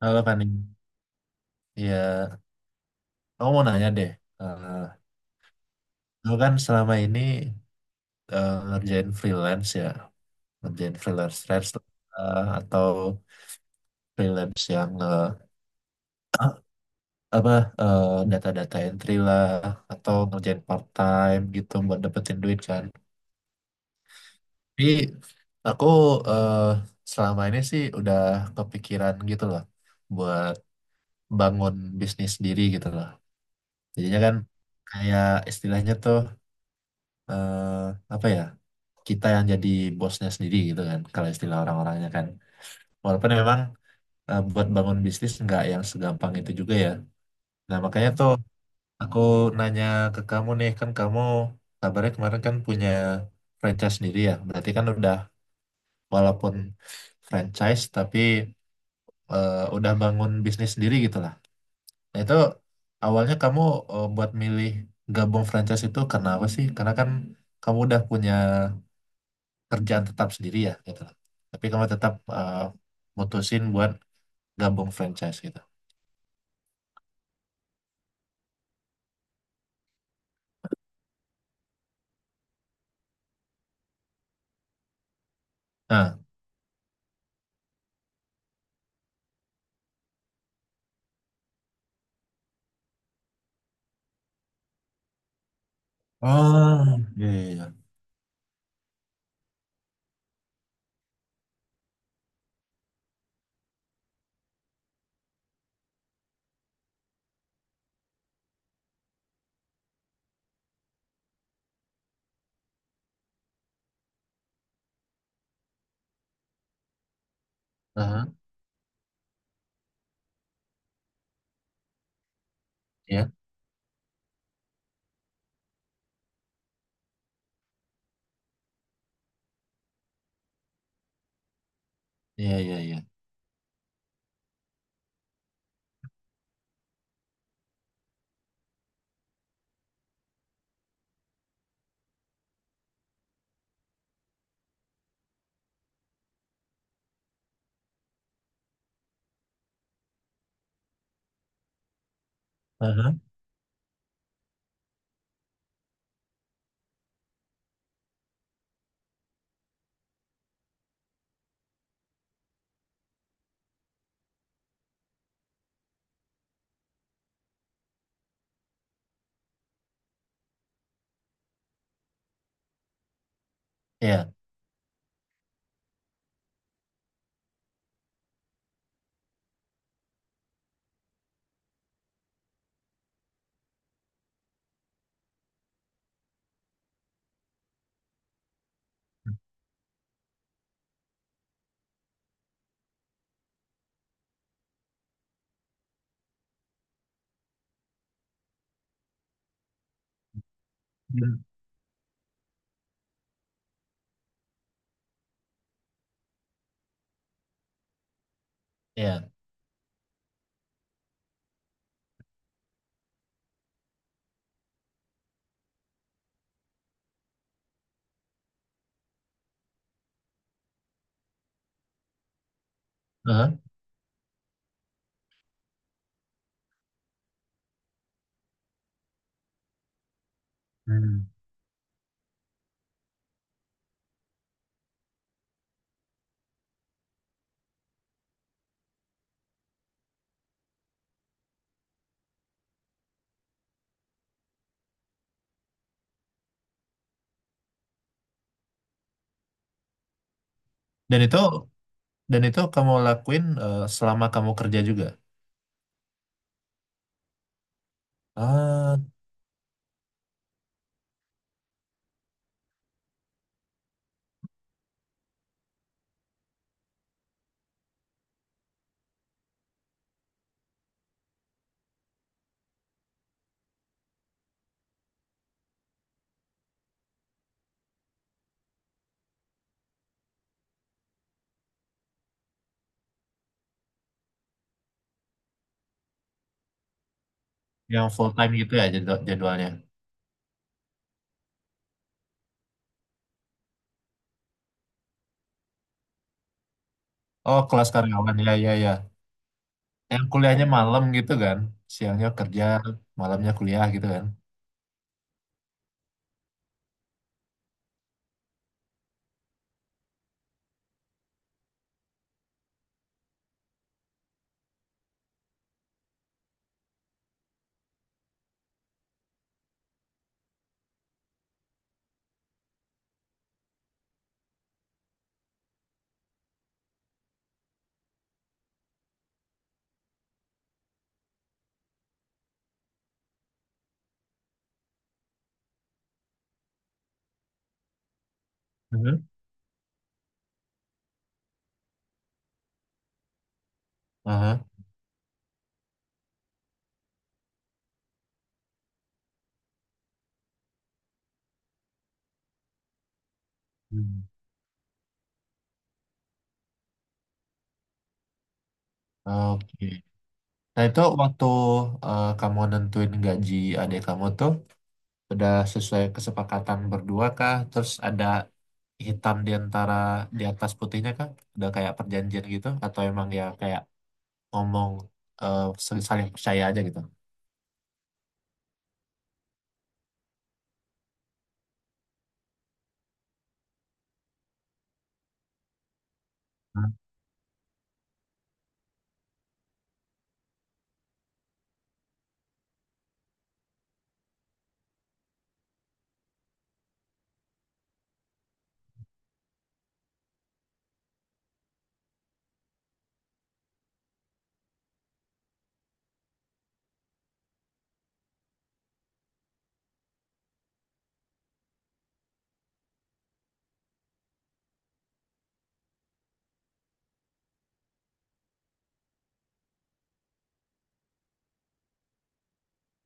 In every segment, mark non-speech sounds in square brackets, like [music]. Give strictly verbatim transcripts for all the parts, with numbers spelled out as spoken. Halo Fani, ya aku mau nanya deh. Eh Lo kan selama ini eh, ngerjain freelance ya, ngerjain freelance freelance eh, atau freelance yang eh, [clears throat] apa eh, data-data entry lah atau ngerjain part time gitu buat dapetin duit kan. Tapi aku eh, selama ini sih udah kepikiran gitu loh buat bangun bisnis sendiri gitu loh. Jadinya kan kayak istilahnya tuh eh, apa ya? Kita yang jadi bosnya sendiri gitu kan, kalau istilah orang-orangnya kan, walaupun memang eh, buat bangun bisnis nggak yang segampang itu juga ya. Nah makanya tuh aku nanya ke kamu nih, kan kamu kabarnya kemarin kan punya franchise sendiri ya, berarti kan udah, walaupun franchise tapi eh, udah bangun bisnis sendiri gitu lah. Nah itu awalnya kamu eh, buat milih gabung franchise itu karena apa sih, karena kan kamu udah punya kerjaan tetap sendiri ya gitu lah. Tapi kamu tetap eh, mutusin buat gabung franchise gitu. Nah. Oh, iya iya iya. Aha, iya. Iya iya iya. Aha, iya. Hmm, Iya. Aha. Hmm. Dan itu dan itu kamu lakuin eh, selama kamu kerja juga. Ah, yang full time gitu ya jadwal- jadwalnya. Oh, kelas karyawan ya ya ya. Yang kuliahnya malam gitu kan. Siangnya kerja, malamnya kuliah gitu kan. Mhm. Aha. Hmm. Oke. Nah itu waktu eh, kamu nentuin gaji adik kamu tuh udah sesuai kesepakatan berdua kah? Terus ada hitam di antara di atas putihnya kah? Udah kayak perjanjian gitu? Atau emang ya kayak ngomong eh, sal- saling percaya aja gitu? Hmm,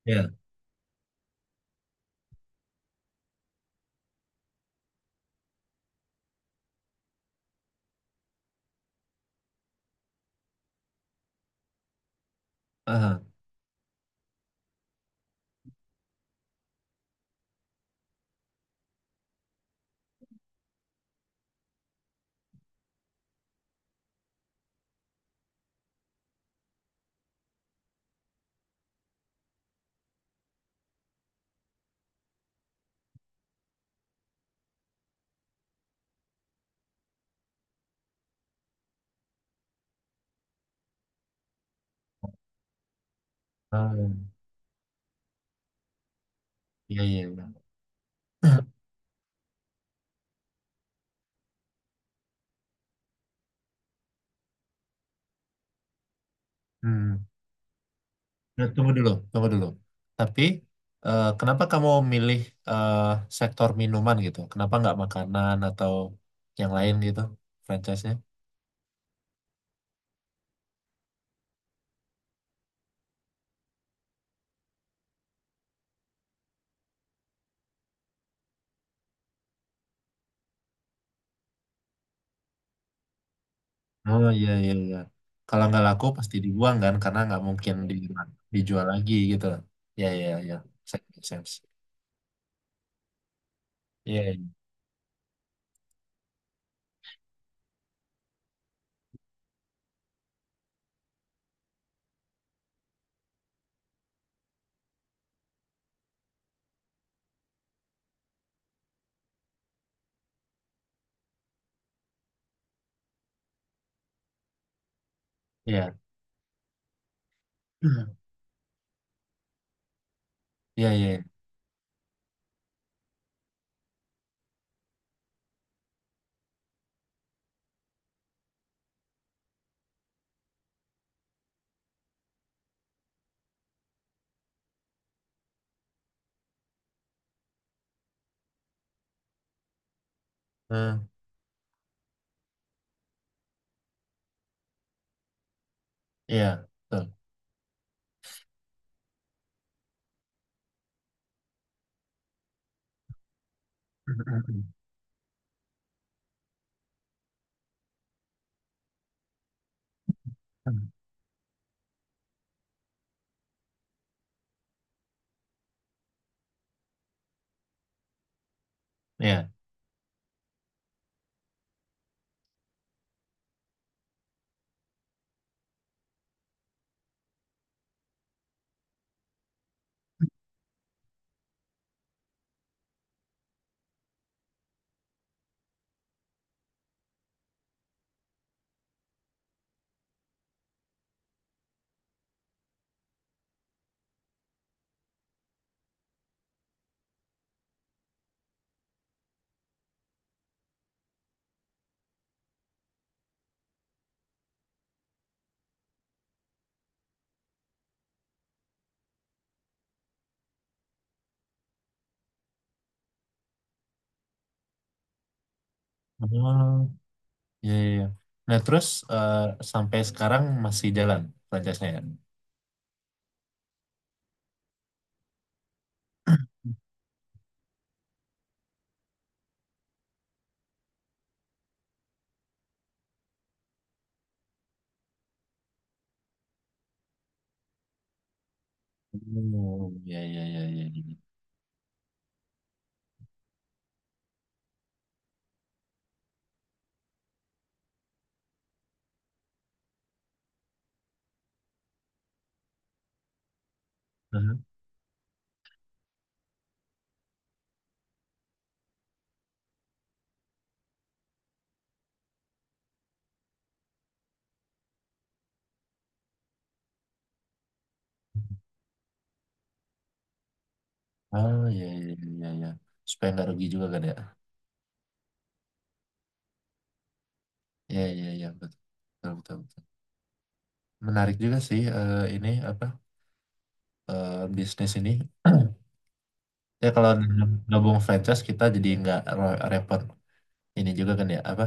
iya. Aha. Hmm, iya iya, iya. [clears throat] Hmm. Nah, tunggu dulu, tunggu dulu. Tapi eh, kenapa kamu milih eh, sektor minuman gitu? Kenapa nggak makanan atau yang lain gitu franchise-nya? Oh iya iya iya. Kalau nggak laku pasti dibuang kan karena nggak mungkin dijual, dijual lagi gitu. Iya iya iya. Sense, sense. Iya iya iya [clears throat] iya. Iya. Hmm, iya betul. [clears throat] Iya. Oh iya iya, iya. Nah terus eh, sampai sekarang masih jalan franchise-nya ya? Oh iya iya iya iya, iya. Aha. Oh iya iya iya iya. Supaya nggak rugi juga kan ya? Iya iya iya betul betul betul, betul. Menarik juga sih eh, ini apa? Eh, bisnis ini. [clears throat] Ya kalau gabung franchise kita jadi nggak re- repot ini juga kan ya apa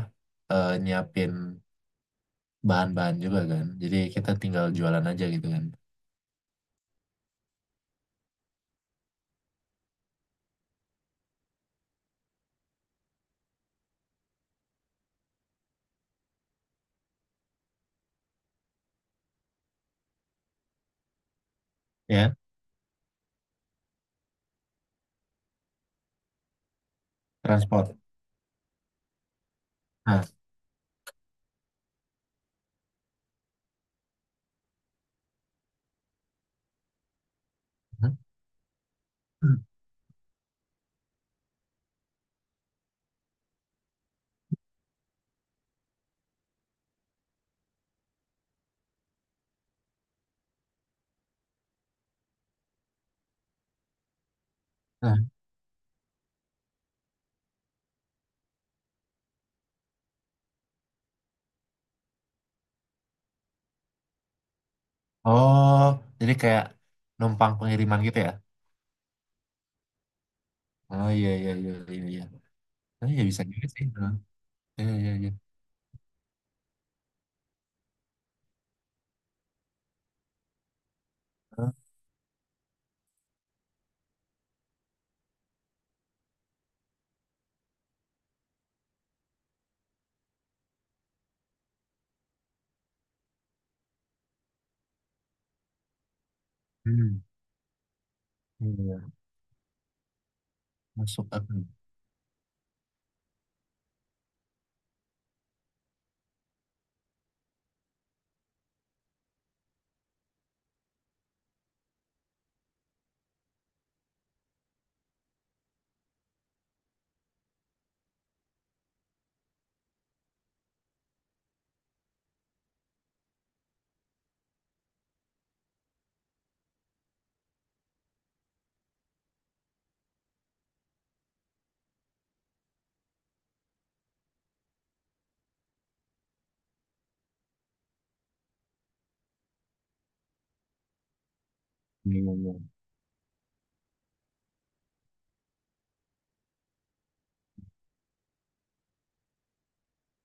eh, nyiapin bahan-bahan juga kan, jadi kita tinggal jualan aja gitu kan. Ya transport. Nah. [clears throat] Hmm. Nah. Oh, jadi kayak numpang pengiriman gitu ya. Oh iya iya iya iya iya. Oh, iya bisa juga sih Bang. Iya iya iya. Oh, hmm iya iya. Masuk akal. Iya iya iya.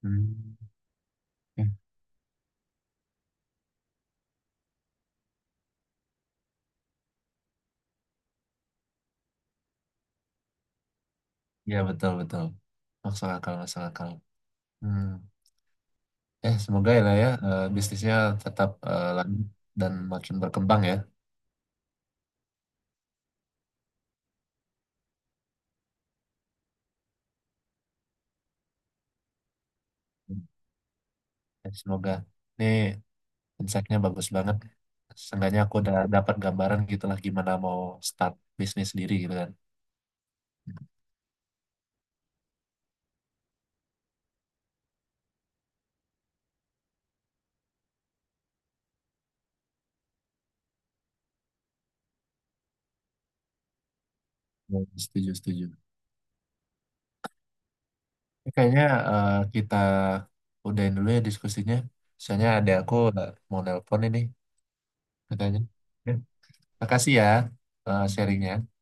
Hmm, ya betul betul. Masuk akal, masuk akal. Hmm. Eh, semoga ya lah ya eh, bisnisnya tetap eh, lanjut dan makin berkembang ya. Eh, Semoga. Ini insight-nya bagus banget. Seenggaknya aku udah dapat gambaran gitu lah gimana mau start bisnis sendiri gitu kan. Hmm, setuju, setuju. Eh, Kayaknya eh, kita udahin dulu ya diskusinya. Soalnya ada aku eh, mau nelpon ini katanya. Ya, makasih ya eh, sharingnya.